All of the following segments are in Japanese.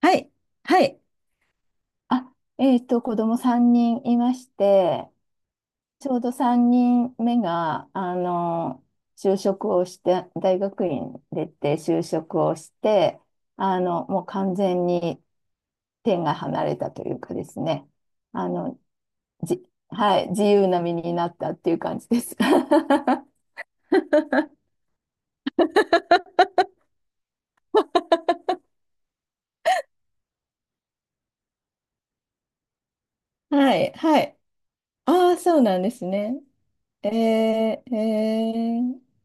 はい。はい。あ、子供3人いまして、ちょうど3人目が、就職をして、大学院出て就職をして、もう完全に手が離れたというかですね、あの、じ、はい、自由な身になったっていう感じです。はい。はい。ああ、そうなんですね。えー、えー。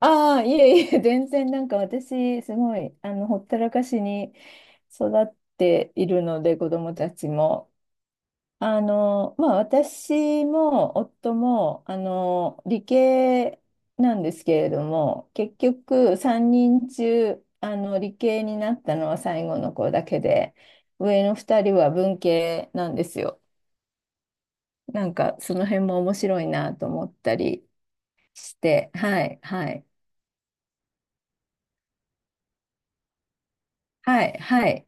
ああ、いえいえ、全然なんか私、すごい、ほったらかしに育っているので、子供たちも。まあ、私も夫も、理系なんですけれども、結局、3人中、理系になったのは最後の子だけで、上の2人は文系なんですよ。なんか、その辺も面白いなと思ったりして、はい、はい、はい、はい。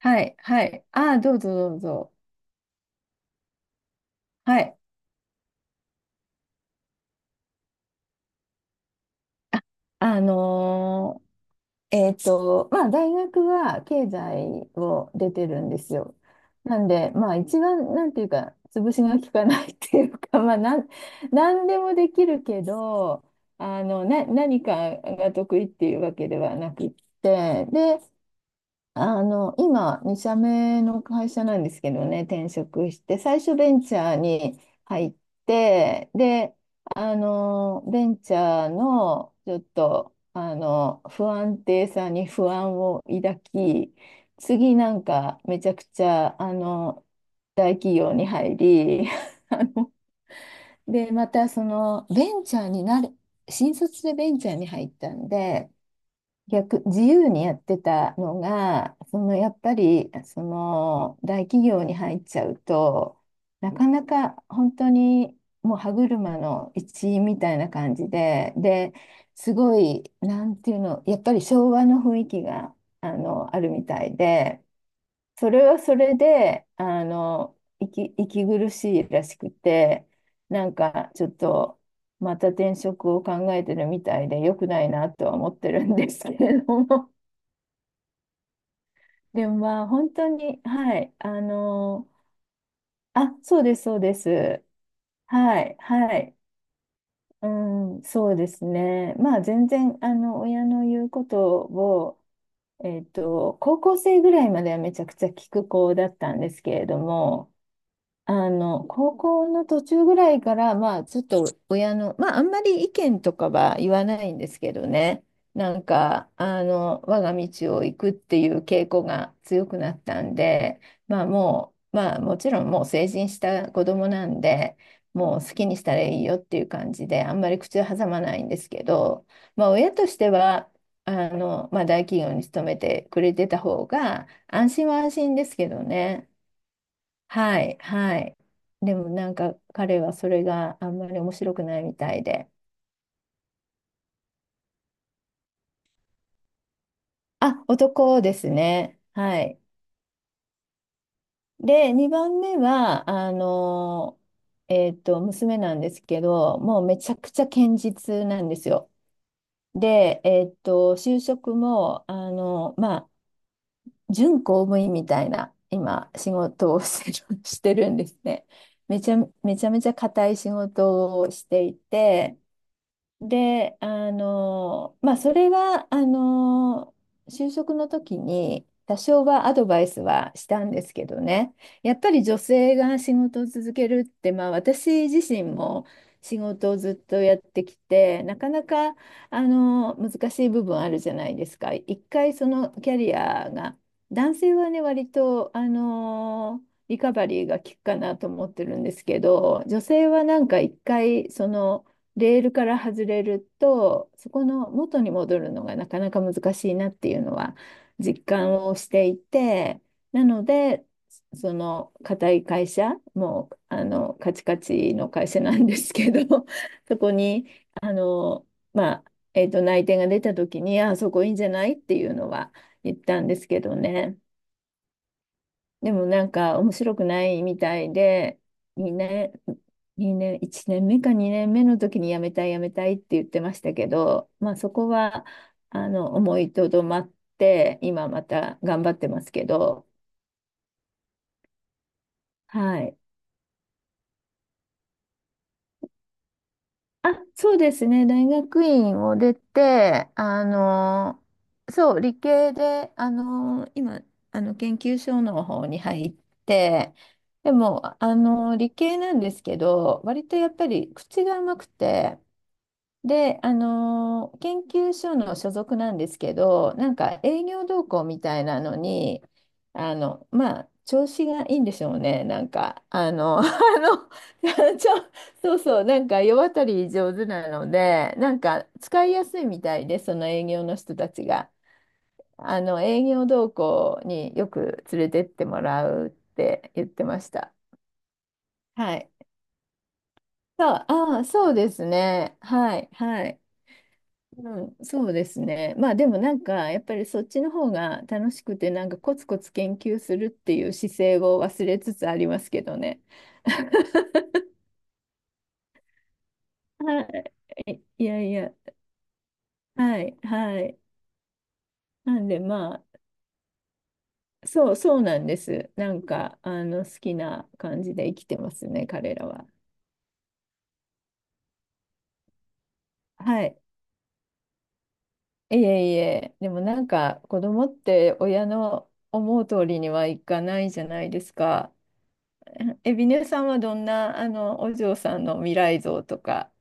はい、はい。ああ、どうぞどうぞ。はい。あのーまあ、大学は経済を出てるんですよ。なんで、まあ、一番、なんていうか、潰しが効かないっていうか、まあ、なんでもできるけど、何かが得意っていうわけではなくって、で、今、2社目の会社なんですけどね、転職して、最初ベンチャーに入って、で、ベンチャーのちょっと、不安定さに不安を抱き、次なんかめちゃくちゃ、大企業に入り、で、またその、ベンチャーになる、新卒でベンチャーに入ったんで、逆、自由にやってたのが、そのやっぱりその大企業に入っちゃうと、なかなか本当にもう歯車の一員みたいな感じで、で、すごい、なんていうの、やっぱり昭和の雰囲気があるみたいで、それはそれで、息苦しいらしくて、なんかちょっと、また転職を考えてるみたいで、良くないなとは思ってるんですけれども、でもまあ、本当に、はい、あ、そうです、そうです。はい、はい、うん、そうですね。まあ、全然、親の言うことを、高校生ぐらいまではめちゃくちゃ聞く子だったんですけれども、高校の途中ぐらいから、まあ、ちょっと親の、まあ、あんまり意見とかは言わないんですけどね、なんか、我が道を行くっていう傾向が強くなったんで、まあ、もう、まあ、もちろんもう成人した子供なんで、もう好きにしたらいいよっていう感じで、あんまり口を挟まないんですけど、まあ、親としては、まあ、大企業に勤めてくれてた方が、安心は安心ですけどね。はい、はい。でもなんか彼はそれがあんまり面白くないみたいで。あ、男ですね。はい。で、2番目は、娘なんですけど、もうめちゃくちゃ堅実なんですよ。で、就職も、まあ、準公務員みたいな、今、仕事をしてる、してるんですね。めちゃめちゃめちゃ固い仕事をしていて、で、まあ、それは、就職の時に多少はアドバイスはしたんですけどね、やっぱり女性が仕事を続けるって、まあ、私自身も仕事をずっとやってきて、なかなか、難しい部分あるじゃないですか。一回そのキャリアが、男性はね、割と、リカバリーが効くかなと思ってるんですけど、女性はなんか一回、その、レールから外れると、そこの元に戻るのがなかなか難しいなっていうのは実感をしていて、なので、その固い会社、もうあのカチカチの会社なんですけど、そこにあの、まあ内定が出た時に、あ、そこいいんじゃないっていうのは言ったんですけどね。でもなんか面白くないみたいで、2年、2年、1年目か2年目の時に辞めたい辞めたいって言ってましたけど、まあそこは思いとどまって、今また頑張ってますけど、はい。あ、そうですね。大学院を出て、そう、理系で、今、研究所の方に入って、でも、理系なんですけど、割とやっぱり口が甘くて、で、研究所の所属なんですけど、なんか営業同行みたいなのに、まあ、調子がいいんでしょうね。なんか、の、ちょ、そうそう、なんか世渡り上手なので、なんか使いやすいみたいで、その営業の人たちが。営業同行によく連れてってもらうって言ってました。はい。そう、ああ、そうですね。はい、はい。うん、そうですね。まあでもなんかやっぱりそっちの方が楽しくてなんかコツコツ研究するっていう姿勢を忘れつつありますけどね。はい。いやいや。はい。はい。なんでまあそうそうなんです。なんか好きな感じで生きてますね彼らは。はい。いえいえ。でもなんか子供って親の思う通りにはいかないじゃないですか。え、ビネさんはどんな、お嬢さんの未来像とか、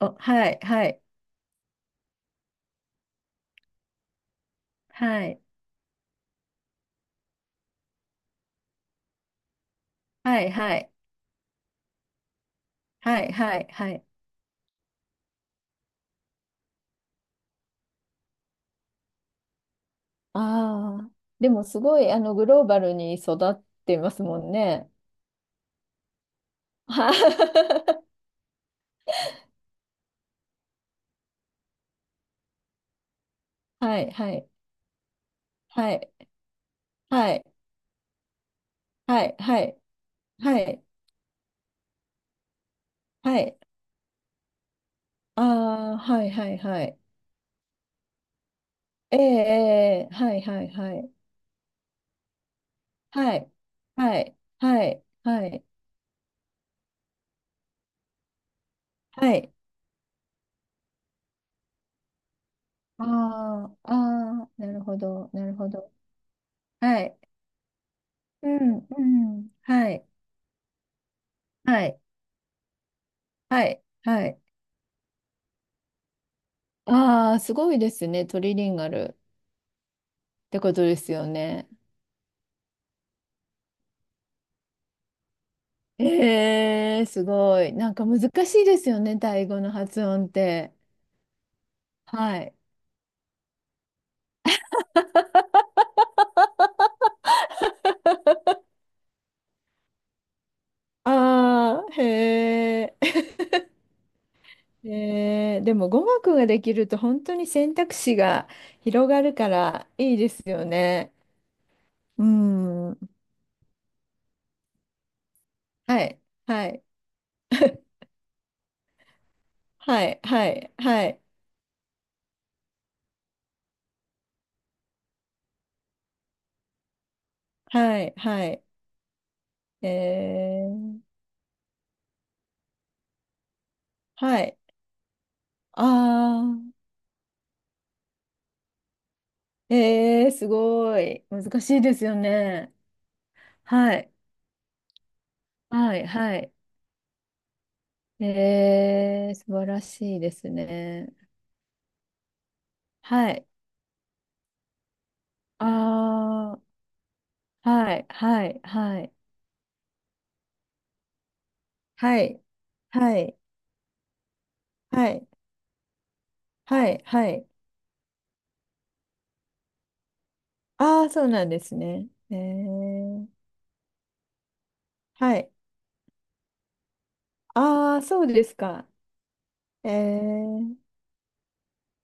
はい、はい、はい、はい、はい、はい、はい、はい。ああ、でもすごいグローバルに育ってますもんね。は はい、はい、はい、はい、はい、はい、はい、はい、ああ、はい、はい、はい、ええ、ええはい、はい、はい、はい、はい、はい、はい、はい、ああ、ああ、なるほど、なるほど。はい。うん、うん。はい。はい。はい。はい。ああ、すごいですね。トリリンガルってことですよね。ええ、すごい。なんか難しいですよね。タイ語の発音って。はい。ああ、へえ。でも語学ができると本当に選択肢が広がるからいいですよね。うん。はい。はい。はい。はい。はい。はい。はい。えーはい。ああ、えー、すごい。難しいですよね。はい。はい、はい。素晴らしいですね。はい。ああ、はい、はい、はい。はい、はい、はい、はい、はい。ああ、そうなんですね。えー、はい。ああ、そうですか。えー、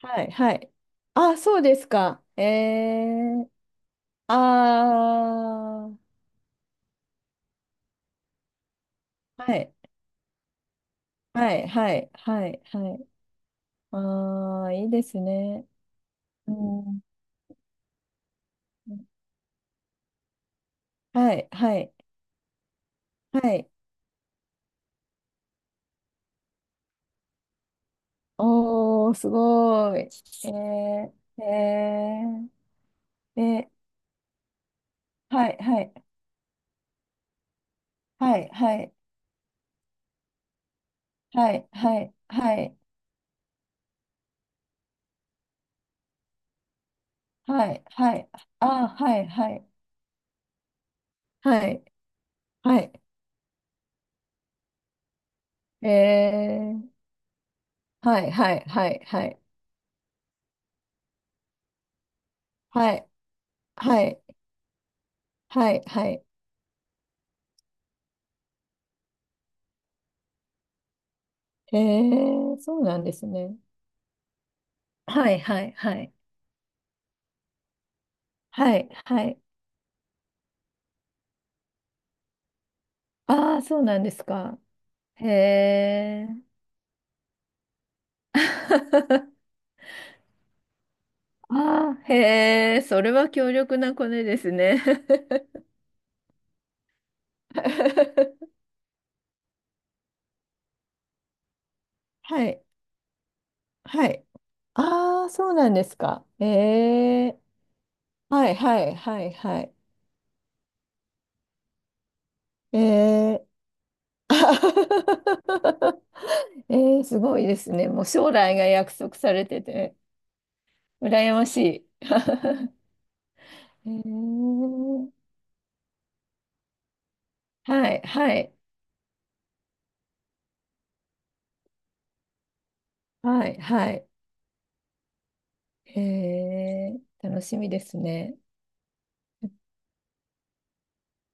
はい、はい。ああ、そうですか。えー、ああ、はい。はい、はい、はい、はい。ああ、いいですね。うん。はい、はい、はい。おー、すごい。えー、えー、えー、はい、はい、はい、はい、はい、はい、はい、はい、はい、あー、はい、はい、はい、はい、えー、はい、はい、はい、はい、はい、はい、はい、はい、えー、そうなんですね。はい、はい、はい、はい、はい。ああ、そうなんですか。へえ。ああ、へえ、それは強力なコネですね。はい、はい。ああ、そうなんですか。ええ、はい、はい、はい、はい。ええ。えー、すごいですね。もう将来が約束されてて、羨ましい。えー、はい、はい、はい、はい。へえ、楽しみですね。